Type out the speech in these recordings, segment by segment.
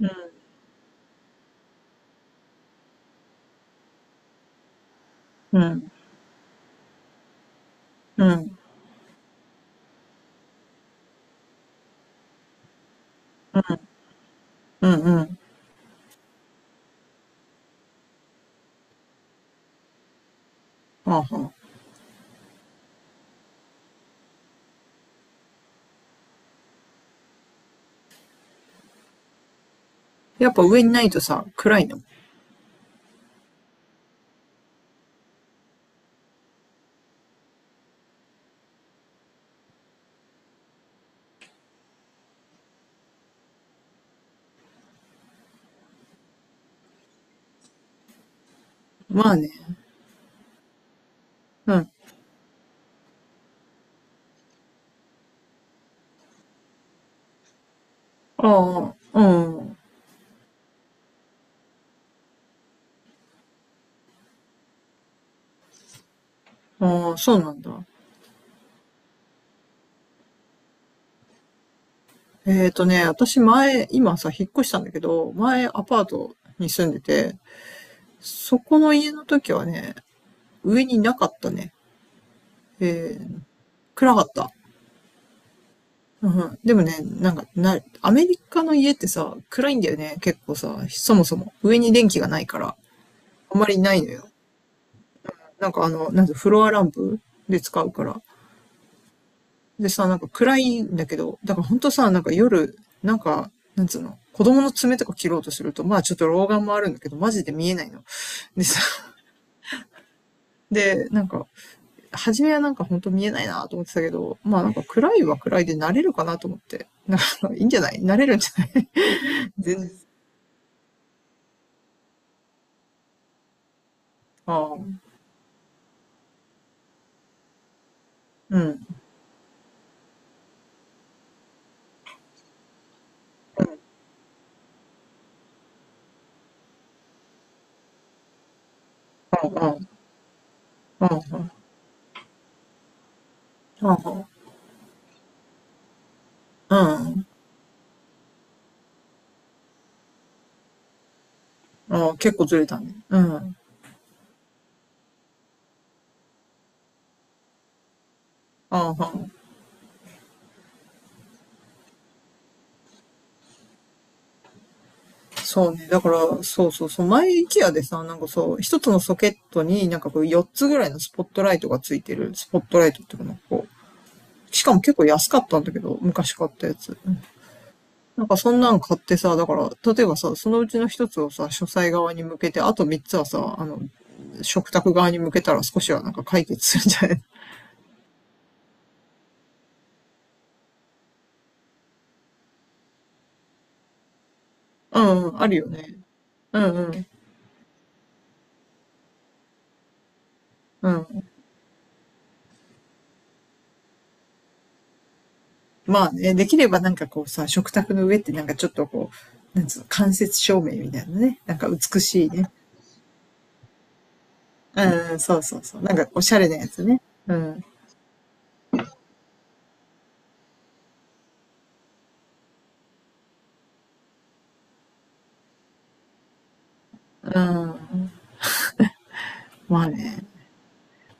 うん、うん、うん、うん。うん、はあはあ。やっぱ上にないとさ、暗いの。まあね。うん。ああ、うん。ああ、そうなんだ。私今さ、引っ越したんだけど、前アパートに住んでて、そこの家の時はね、上になかったね。えー、暗かった。うん、でもね、なんか、アメリカの家ってさ、暗いんだよね、結構さ、そもそも。上に電気がないから、あんまりないのよ。なんかなんてフロアランプで使うから。でさ、なんか暗いんだけど、だからほんとさ、なんか夜、なんか、なんつうの、子供の爪とか切ろうとすると、まあちょっと老眼もあるんだけど、マジで見えないの。でさ、で、なんか、初めはなんかほんと見えないなと思ってたけど、まあなんか暗いは暗いで慣れるかなと思って。なんか、いいんじゃない？慣れるんじゃない？ 全然。ああ、うん。ああ、ああ、ああ、ああ、うん。ああ、結構ずれたね。うん。ああ、そうね。だから、そうそうそう。前、イケアでさ、なんかそう、一つのソケットになんかこう、4つぐらいのスポットライトがついてる。スポットライトっていうかなんかこう。しかも結構安かったんだけど、昔買ったやつ。なんかそんなん買ってさ、だから、例えばさ、そのうちの一つをさ、書斎側に向けて、あと3つはさ、あの、食卓側に向けたら少しはなんか解決するんじゃない？ うん、うん、あるよね。うんうん。うん。まあね、できればなんかこうさ、食卓の上ってなんかちょっとこう、なんつうの、間接照明みたいなね。なんか美しいね。うん、そうそうそう。なんかおしゃれなやつね。うん。うん。まあね。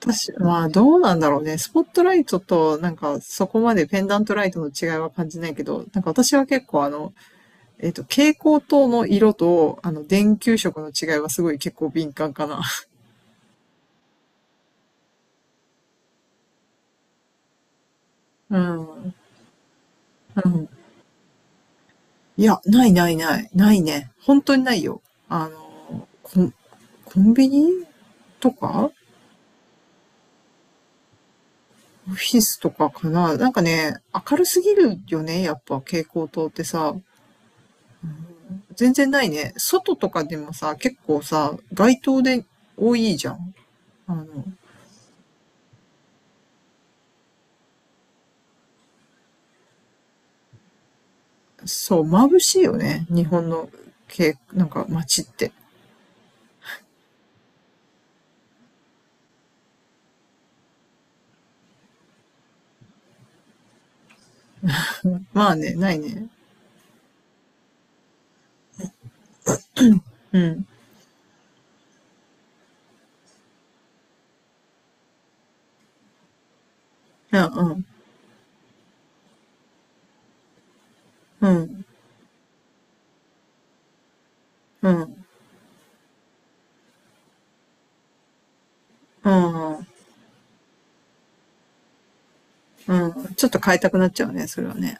私、まあどうなんだろうね。スポットライトとなんかそこまでペンダントライトの違いは感じないけど、なんか私は結構あの、蛍光灯の色と、電球色の違いはすごい結構敏感かな。うん。うん。いや、ないないない。ないね。本当にないよ。あの、コン、コンビニとかオフィスとかかな？なんかね、明るすぎるよね。やっぱ蛍光灯ってさ。全然ないね。外とかでもさ、結構さ、街灯で多いじゃん。あの、そう、眩しいよね。日本の、なんか街って。まあね、ないね。うん。うん、うん、うん、うん、うん、うん。ちょっと変えたくなっちゃうね、それはね。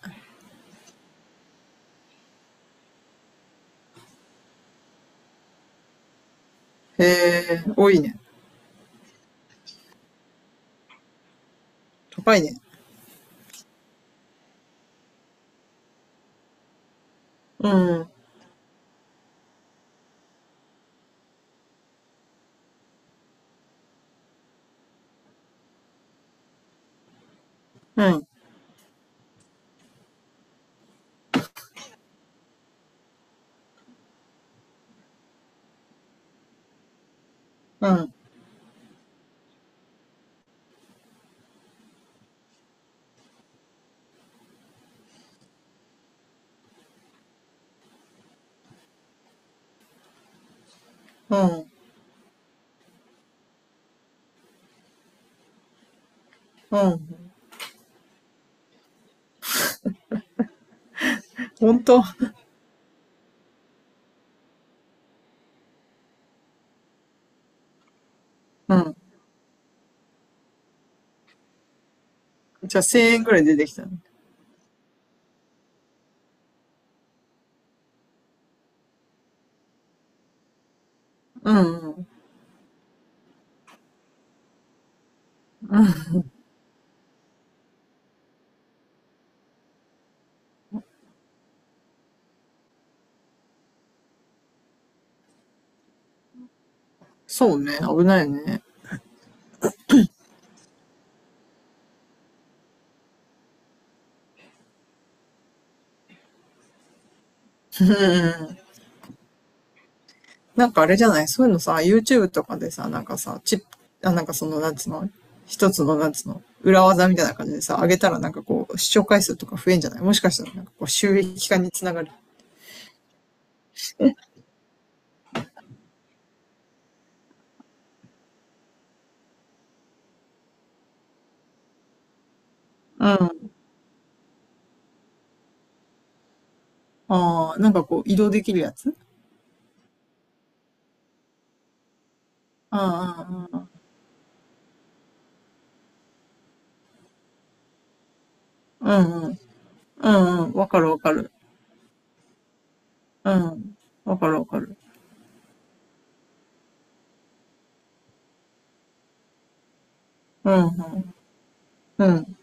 へえ、多いね。高いね。うん、うん、うん、うん、うん。ほんと？うん。じゃあ1000円ぐらい出てきたね。うん、うん。そうね、危ないね。うん。うん。なんかあれじゃない？そういうのさ、YouTube とかでさ、なんかさ、チップ、あ、なんかその、なんつうの、一つの、なんつうの裏技みたいな感じでさ、上げたらなんかこう、視聴回数とか増えんじゃない？もしかしたらなんかこう、収益化につながる。うん。ああ、なんかこう、移動できるやつ？ああ、うんうんうん。うんうん。うんうん。わかるわかる。うん。わかるわかる。うん、うん、うん、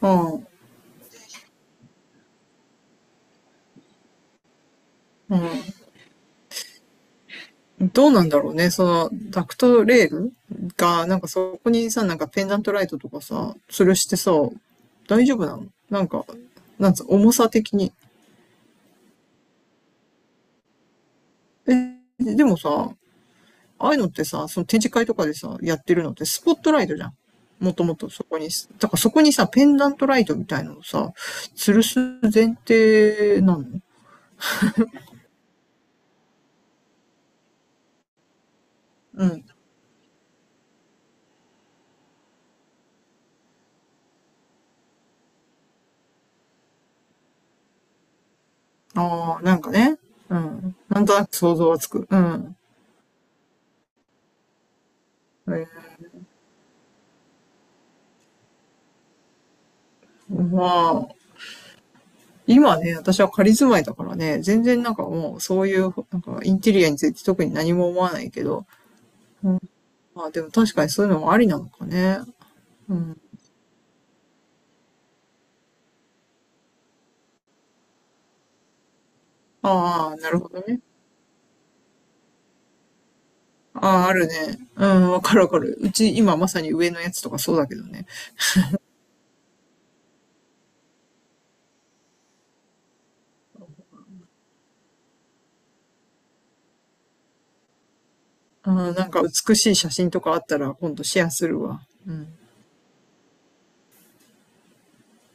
うん。うん。どうなんだろうね。その、ダクトレールが、なんかそこにさ、なんかペンダントライトとかさ、吊るしてさ、大丈夫なの？なんか、なんつう、重さ的に。え、でもさ、ああいうのってさ、その展示会とかでさ、やってるのってスポットライトじゃん。もともとそこに、だからそこにさ、ペンダントライトみたいなのをさ、吊るす前提なの？うん。ああ、なんかね。うん。なんとなく想像はつく。うん。えーまあ、今ね、私は仮住まいだからね、全然なんかもうそういう、なんかインテリアについて特に何も思わないけど、うん、まあでも確かにそういうのもありなのかね。うん。ああ、なるほどね。ああ、あるね。うん、わかるわかる。うち今まさに上のやつとかそうだけどね。うん、なんか美しい写真とかあったら今度シェアするわ。うん。